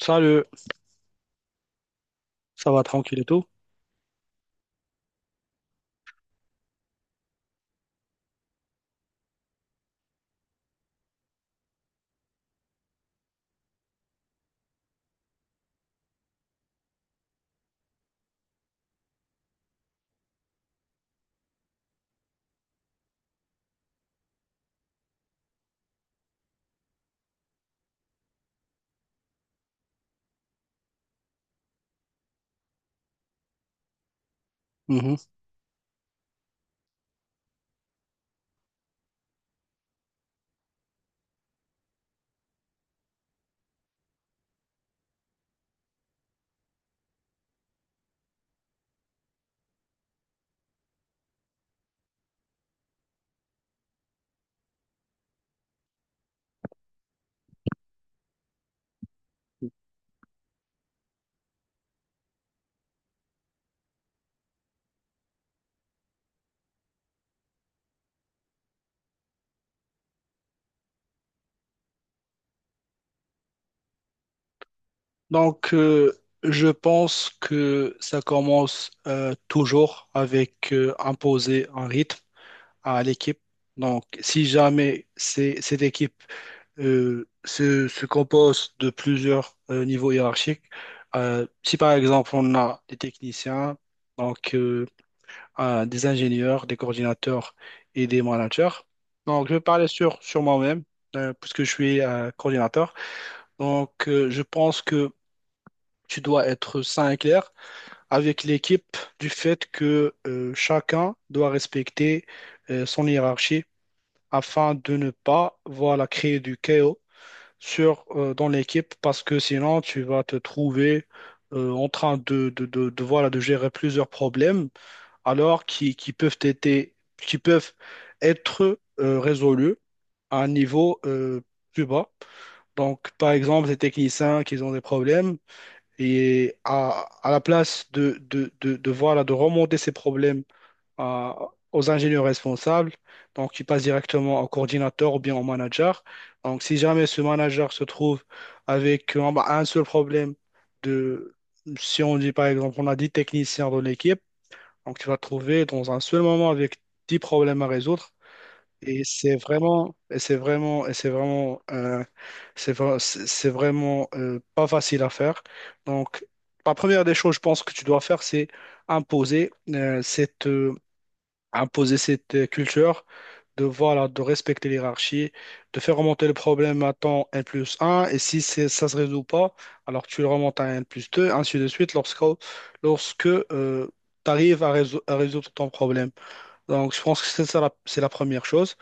Salut, ça va tranquille et tout? Mhm. Donc, euh, je pense que ça commence toujours avec imposer un rythme à l'équipe. Donc, si jamais cette équipe se compose de plusieurs niveaux hiérarchiques, si par exemple on a des techniciens, donc euh, des ingénieurs, des coordinateurs et des managers. Donc, je vais parler sur moi-même, puisque je suis coordinateur. Je pense que tu dois être sain et clair avec l'équipe du fait que chacun doit respecter son hiérarchie afin de ne pas, voilà, créer du chaos dans l'équipe parce que sinon, tu vas te trouver en train de, voilà, de gérer plusieurs problèmes alors qui peuvent être résolus à un niveau plus bas. Donc, par exemple, les techniciens qui ont des problèmes, et à la place de, voilà, de remonter ces problèmes à- aux ingénieurs responsables, donc qui passent directement au coordinateur ou bien au manager. Donc si jamais ce manager se trouve avec bah, un seul problème de, si on dit par exemple, on a 10 techniciens dans l'équipe, donc tu vas te trouver dans un seul moment avec 10 problèmes à résoudre. Et c'est vraiment, c'est vraiment pas facile à faire. Donc, la première des choses, je pense que tu dois faire, c'est imposer imposer cette culture de voilà, de respecter l'hierarchie, de faire remonter le problème à temps N plus 1, et si ça se résout pas, alors tu le remontes à N plus 2, ainsi de suite, lorsque tu arrives à à résoudre ton problème. Donc, je pense que c'est la première chose.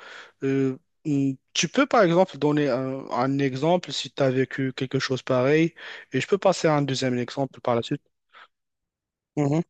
Euh, Tu peux, par exemple, donner un exemple si tu as vécu quelque chose pareil, et je peux passer à un deuxième exemple par la suite. Mhm,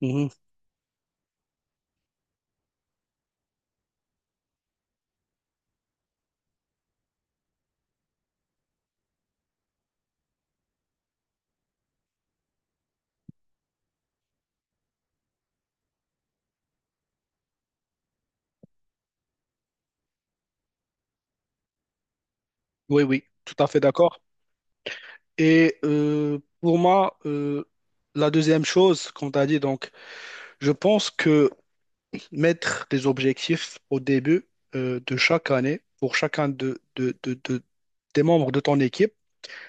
mhm. Oui, oui, tout à fait d'accord. Et pour moi, la deuxième chose, qu'on t'a dit, donc, je pense que mettre des objectifs au début de chaque année, pour chacun des membres de ton équipe,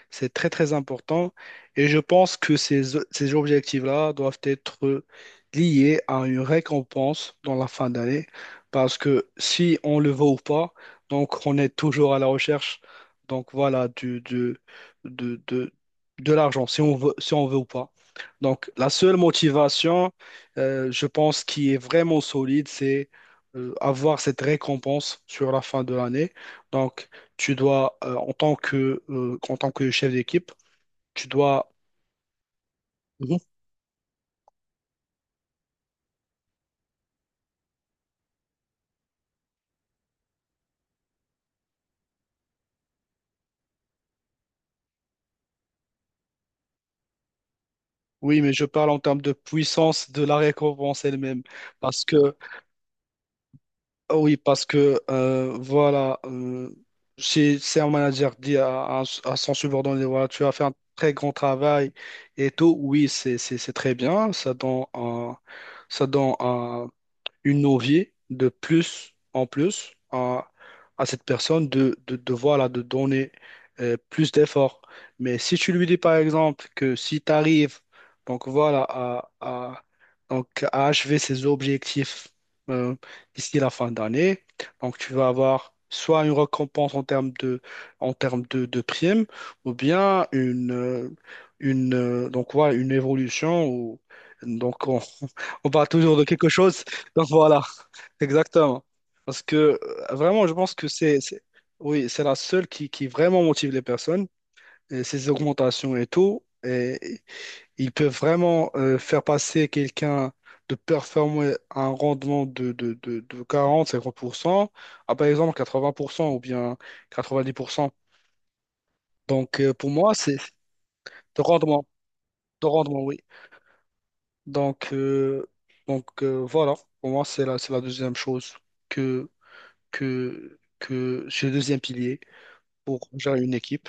c'est très très important et je pense que ces objectifs-là doivent être liés à une récompense dans la fin d'année parce que si on le veut ou pas, donc on est toujours à la recherche donc voilà de, de, de l'argent si on veut, si on veut ou pas. Donc la seule motivation, je pense, qui est vraiment solide, c'est avoir cette récompense sur la fin de l'année. Donc tu dois, en tant que chef d'équipe, tu dois. Mhm. Oui, mais je parle en termes de puissance de la récompense elle-même. Parce que, ah oui, parce que, voilà, si un manager dit à son subordonné, voilà, tu as fait un très grand travail et tout, oui, c'est très bien, ça donne un, une envie de plus en plus à cette personne voilà, de donner plus d'efforts. Mais si tu lui dis par exemple que si tu arrives donc donc, à achever ses objectifs euh, d'ici la fin d'année, donc tu vas avoir soit une récompense en termes de primes ou bien une, donc, voilà, une évolution ou donc on, on parle toujours de quelque chose donc voilà, exactement. Parce que vraiment, je pense que c'est- oui, c'est la seule qui vraiment motive les personnes, et ces augmentations et tout. Et ils peuvent vraiment faire passer quelqu'un de performer à un rendement de quarante pour cent à par exemple quatre-vingt pour cent ou bien 90%. Donc pour moi, c'est de rendement, de rendement, oui. Donc, euh, voilà, pour moi, c'est la deuxième chose que que ce deuxième pilier pour gérer une équipe.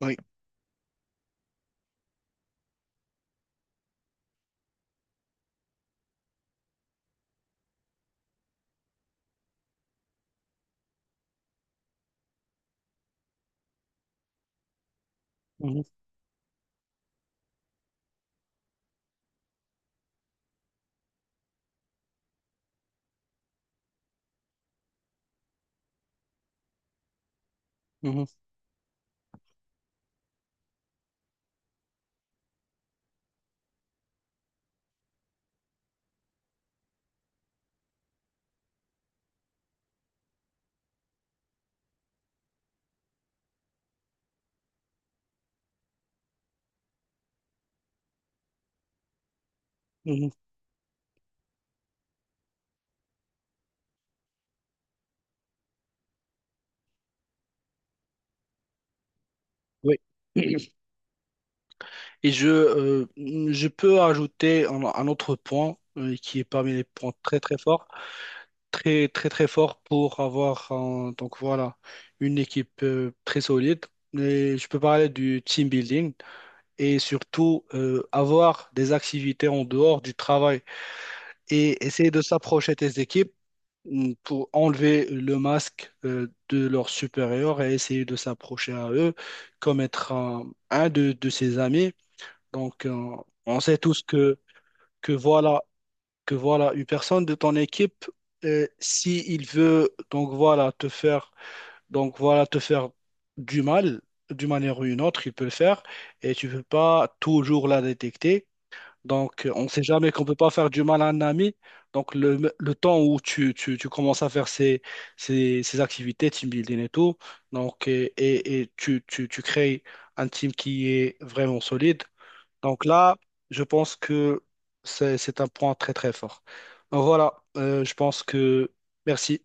Oui. Mhm, mhm, mhm. Oui. Et je peux ajouter un autre point qui est parmi les points très très forts, très très très fort pour avoir donc voilà une équipe très solide. Et je peux parler du team building, et surtout avoir des activités en dehors du travail et essayer de s'approcher des équipes mm, pour enlever le masque de leurs supérieurs et essayer de s'approcher à eux comme être un de ses amis. Donc, on sait tous que voilà, que voilà une personne de ton équipe, si il veut donc voilà te faire du mal d'une manière ou une autre, il peut le faire et tu ne peux pas toujours la détecter. Donc, on ne sait jamais qu'on ne peut pas faire du mal à un ami. Donc, le temps où tu commences à faire ces activités, team building et tout, donc, et tu crées un team qui est vraiment solide. Donc là, je pense que c'est un point très, très fort. Donc voilà, je pense que merci.